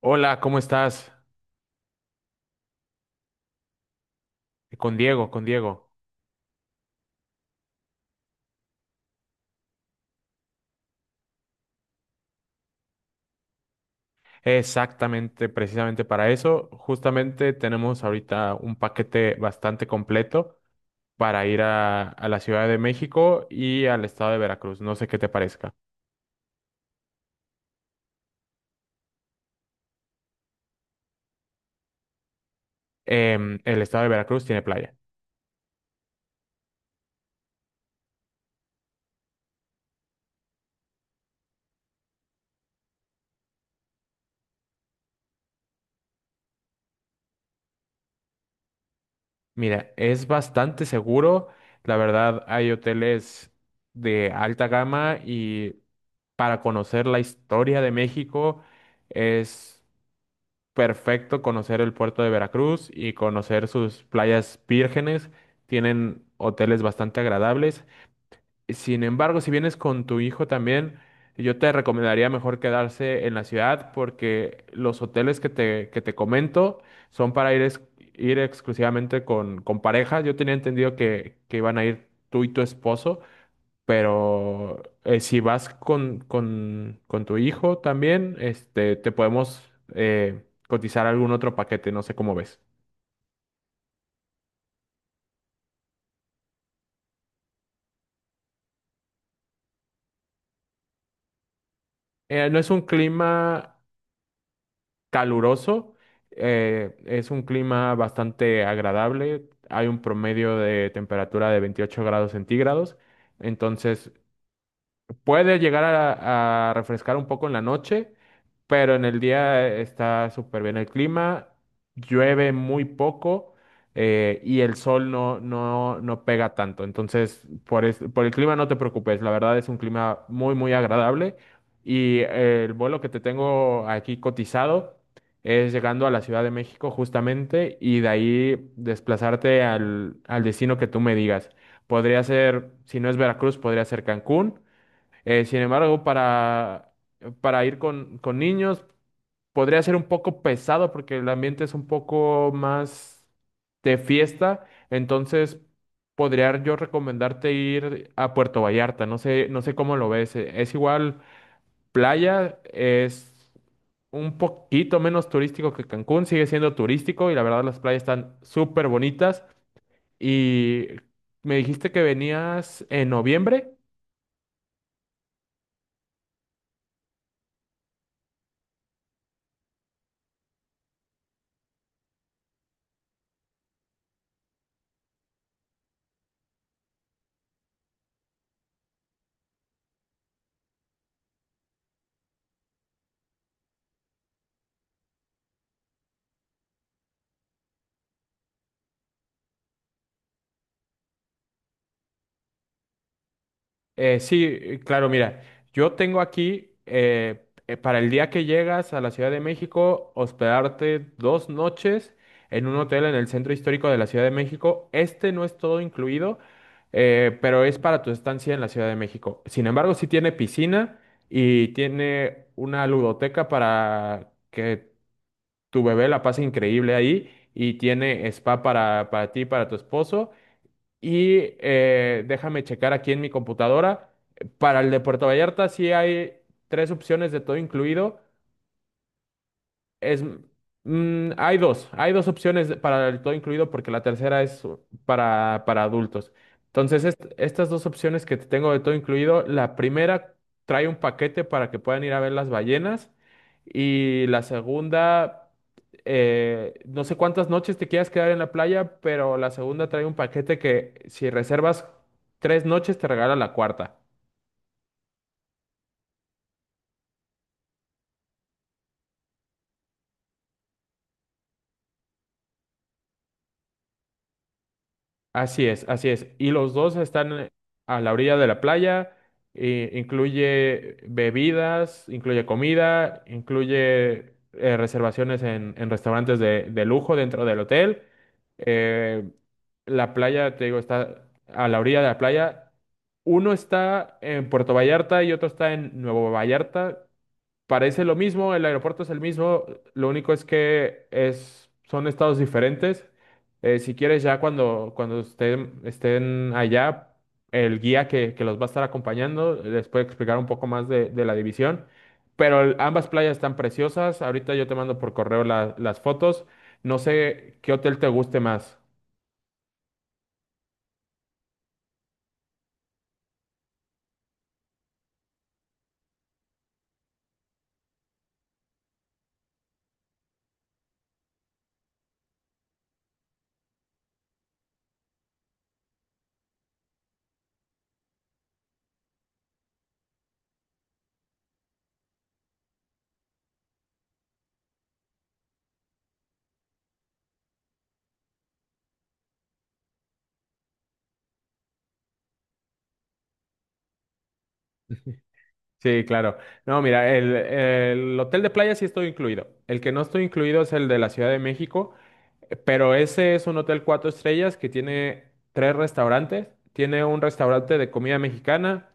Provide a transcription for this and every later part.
Hola, ¿cómo estás? Con Diego, con Diego. Exactamente, precisamente para eso. Justamente tenemos ahorita un paquete bastante completo para ir a la Ciudad de México y al estado de Veracruz. No sé qué te parezca. El estado de Veracruz tiene playa. Mira, es bastante seguro. La verdad, hay hoteles de alta gama y para conocer la historia de México es perfecto conocer el puerto de Veracruz y conocer sus playas vírgenes. Tienen hoteles bastante agradables. Sin embargo, si vienes con tu hijo también, yo te recomendaría mejor quedarse en la ciudad porque los hoteles que te comento son para ir exclusivamente con pareja. Yo tenía entendido que iban a ir tú y tu esposo. Pero si vas con tu hijo también, te podemos eh, cotizar algún otro paquete, no sé cómo ves. No es un clima caluroso, es un clima bastante agradable. Hay un promedio de temperatura de 28 grados centígrados, entonces puede llegar a refrescar un poco en la noche, pero en el día está súper bien el clima, llueve muy poco y el sol no, no, no pega tanto. Entonces, por el clima no te preocupes, la verdad es un clima muy, muy agradable y el vuelo que te tengo aquí cotizado es llegando a la Ciudad de México justamente y de ahí desplazarte al destino que tú me digas. Podría ser, si no es Veracruz, podría ser Cancún. Sin embargo, para ir con niños podría ser un poco pesado porque el ambiente es un poco más de fiesta. Entonces, podría yo recomendarte ir a Puerto Vallarta. No sé, no sé cómo lo ves. Es igual playa, es un poquito menos turístico que Cancún, sigue siendo turístico y la verdad las playas están súper bonitas. Y me dijiste que venías en noviembre. Sí, claro, mira, yo tengo aquí para el día que llegas a la Ciudad de México, hospedarte 2 noches en un hotel en el centro histórico de la Ciudad de México. Este no es todo incluido, pero es para tu estancia en la Ciudad de México. Sin embargo, sí tiene piscina y tiene una ludoteca para que tu bebé la pase increíble ahí y tiene spa para ti y para tu esposo. Déjame checar aquí en mi computadora. Para el de Puerto Vallarta sí hay tres opciones de todo incluido. Es, mm, hay dos opciones para el todo incluido porque la tercera es para adultos. Entonces, estas dos opciones que te tengo de todo incluido, la primera trae un paquete para que puedan ir a ver las ballenas y la segunda, no sé cuántas noches te quieras quedar en la playa, pero la segunda trae un paquete que si reservas 3 noches te regala la cuarta. Así es, así es. Y los dos están a la orilla de la playa. E incluye bebidas, incluye comida, incluye reservaciones en restaurantes de lujo dentro del hotel. Eh, la playa, te digo, está a la orilla de la playa. Uno está en Puerto Vallarta y otro está en Nuevo Vallarta. Parece lo mismo, el aeropuerto es el mismo, lo único es que son estados diferentes. Si quieres, ya cuando estén allá, el guía que los va a estar acompañando les puede explicar un poco más de la división. Pero ambas playas están preciosas. Ahorita yo te mando por correo las fotos. No sé qué hotel te guste más. Sí, claro. No, mira, el hotel de playa sí estoy incluido. El que no estoy incluido es el de la Ciudad de México. Pero ese es un hotel cuatro estrellas que tiene tres restaurantes. Tiene un restaurante de comida mexicana,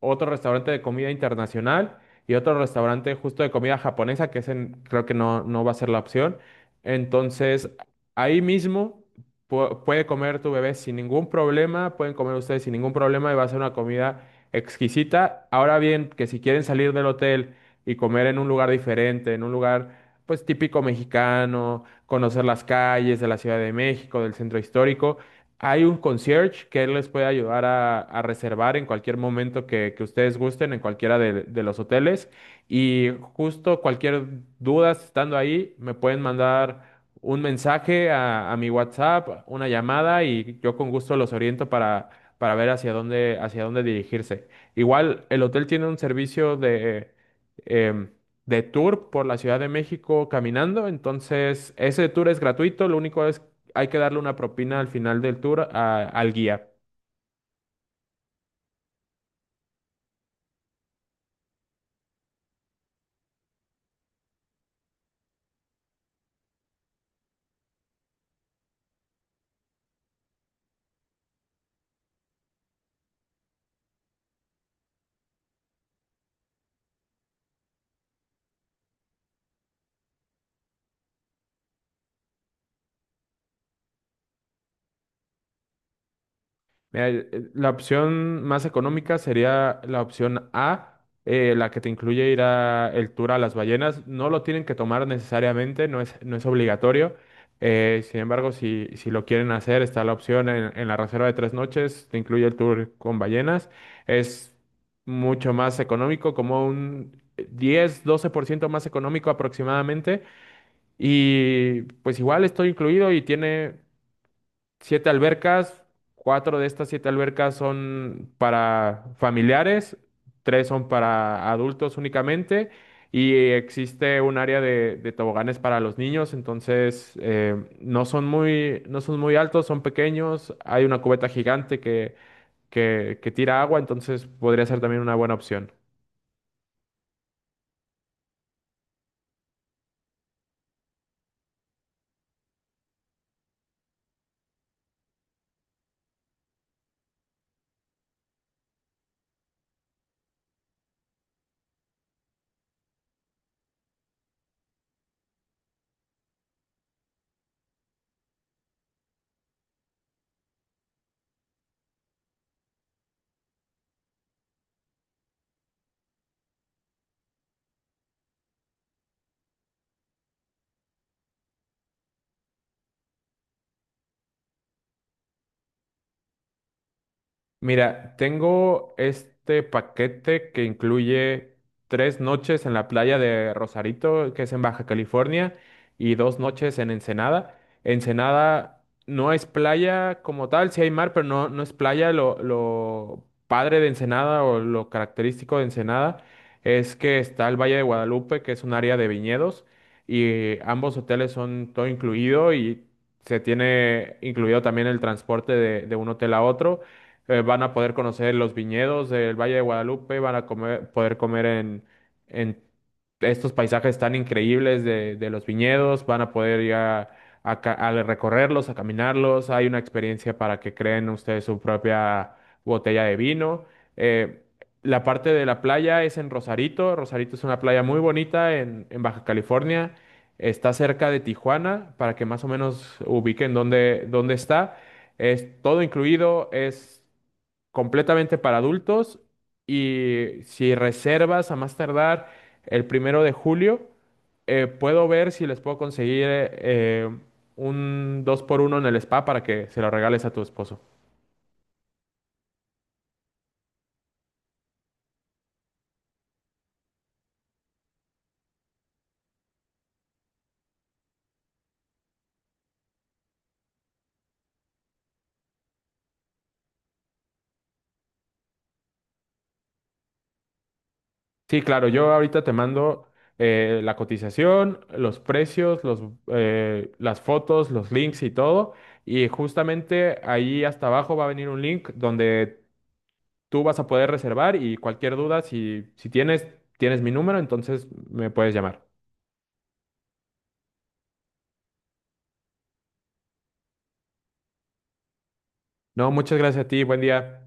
otro restaurante de comida internacional y otro restaurante justo de comida japonesa, que ese creo que no, no va a ser la opción. Entonces, ahí mismo puede comer tu bebé sin ningún problema, pueden comer ustedes sin ningún problema y va a ser una comida exquisita. Ahora bien, que si quieren salir del hotel y comer en un lugar diferente, en un lugar pues típico mexicano, conocer las calles de la Ciudad de México, del centro histórico. Hay un concierge que él les puede ayudar a reservar en cualquier momento que ustedes gusten, en cualquiera de los hoteles. Y justo cualquier duda si estando ahí, me pueden mandar un mensaje a mi WhatsApp, una llamada y yo con gusto los oriento para ver hacia dónde dirigirse. Igual el hotel tiene un servicio em, de tour por la Ciudad de México caminando, entonces ese tour es gratuito, lo único es hay que darle una propina al final del tour al guía. Mira, la opción más económica sería la opción A, la que te incluye ir a el tour a las ballenas. No lo tienen que tomar necesariamente, no es, no es obligatorio. Sin embargo, si, si lo quieren hacer, está la opción en la reserva de 3 noches, te incluye el tour con ballenas. Es mucho más económico, como un 10 12% más económico aproximadamente. Y pues igual estoy incluido y tiene siete albercas, cuatro de estas siete albercas son para familiares, tres son para adultos únicamente y existe un área de toboganes para los niños, entonces no son muy altos, son pequeños, hay una cubeta gigante que tira agua, entonces podría ser también una buena opción. Mira, tengo este paquete que incluye 3 noches en la playa de Rosarito, que es en Baja California, y 2 noches en Ensenada. Ensenada no es playa como tal, sí hay mar, pero no, no es playa. Lo padre de Ensenada o lo característico de Ensenada es que está el Valle de Guadalupe, que es un área de viñedos, y ambos hoteles son todo incluido y se tiene incluido también el transporte de un hotel a otro, van a poder conocer los viñedos del Valle de Guadalupe, van a poder comer en estos paisajes tan increíbles de los viñedos, van a poder ir a recorrerlos, a caminarlos, hay una experiencia para que creen ustedes su propia botella de vino. Eh, la parte de la playa es en Rosarito, Rosarito es una playa muy bonita en Baja California, está cerca de Tijuana, para que más o menos ubiquen dónde está. Es todo incluido, es completamente para adultos y si reservas a más tardar el 1 de julio, puedo ver si les puedo conseguir un dos por uno en el spa para que se lo regales a tu esposo. Sí, claro, yo ahorita te mando la cotización, los precios, las fotos, los links y todo. Y justamente ahí hasta abajo va a venir un link donde tú vas a poder reservar y cualquier duda, si, si tienes, tienes mi número, entonces me puedes llamar. No, muchas gracias a ti, buen día.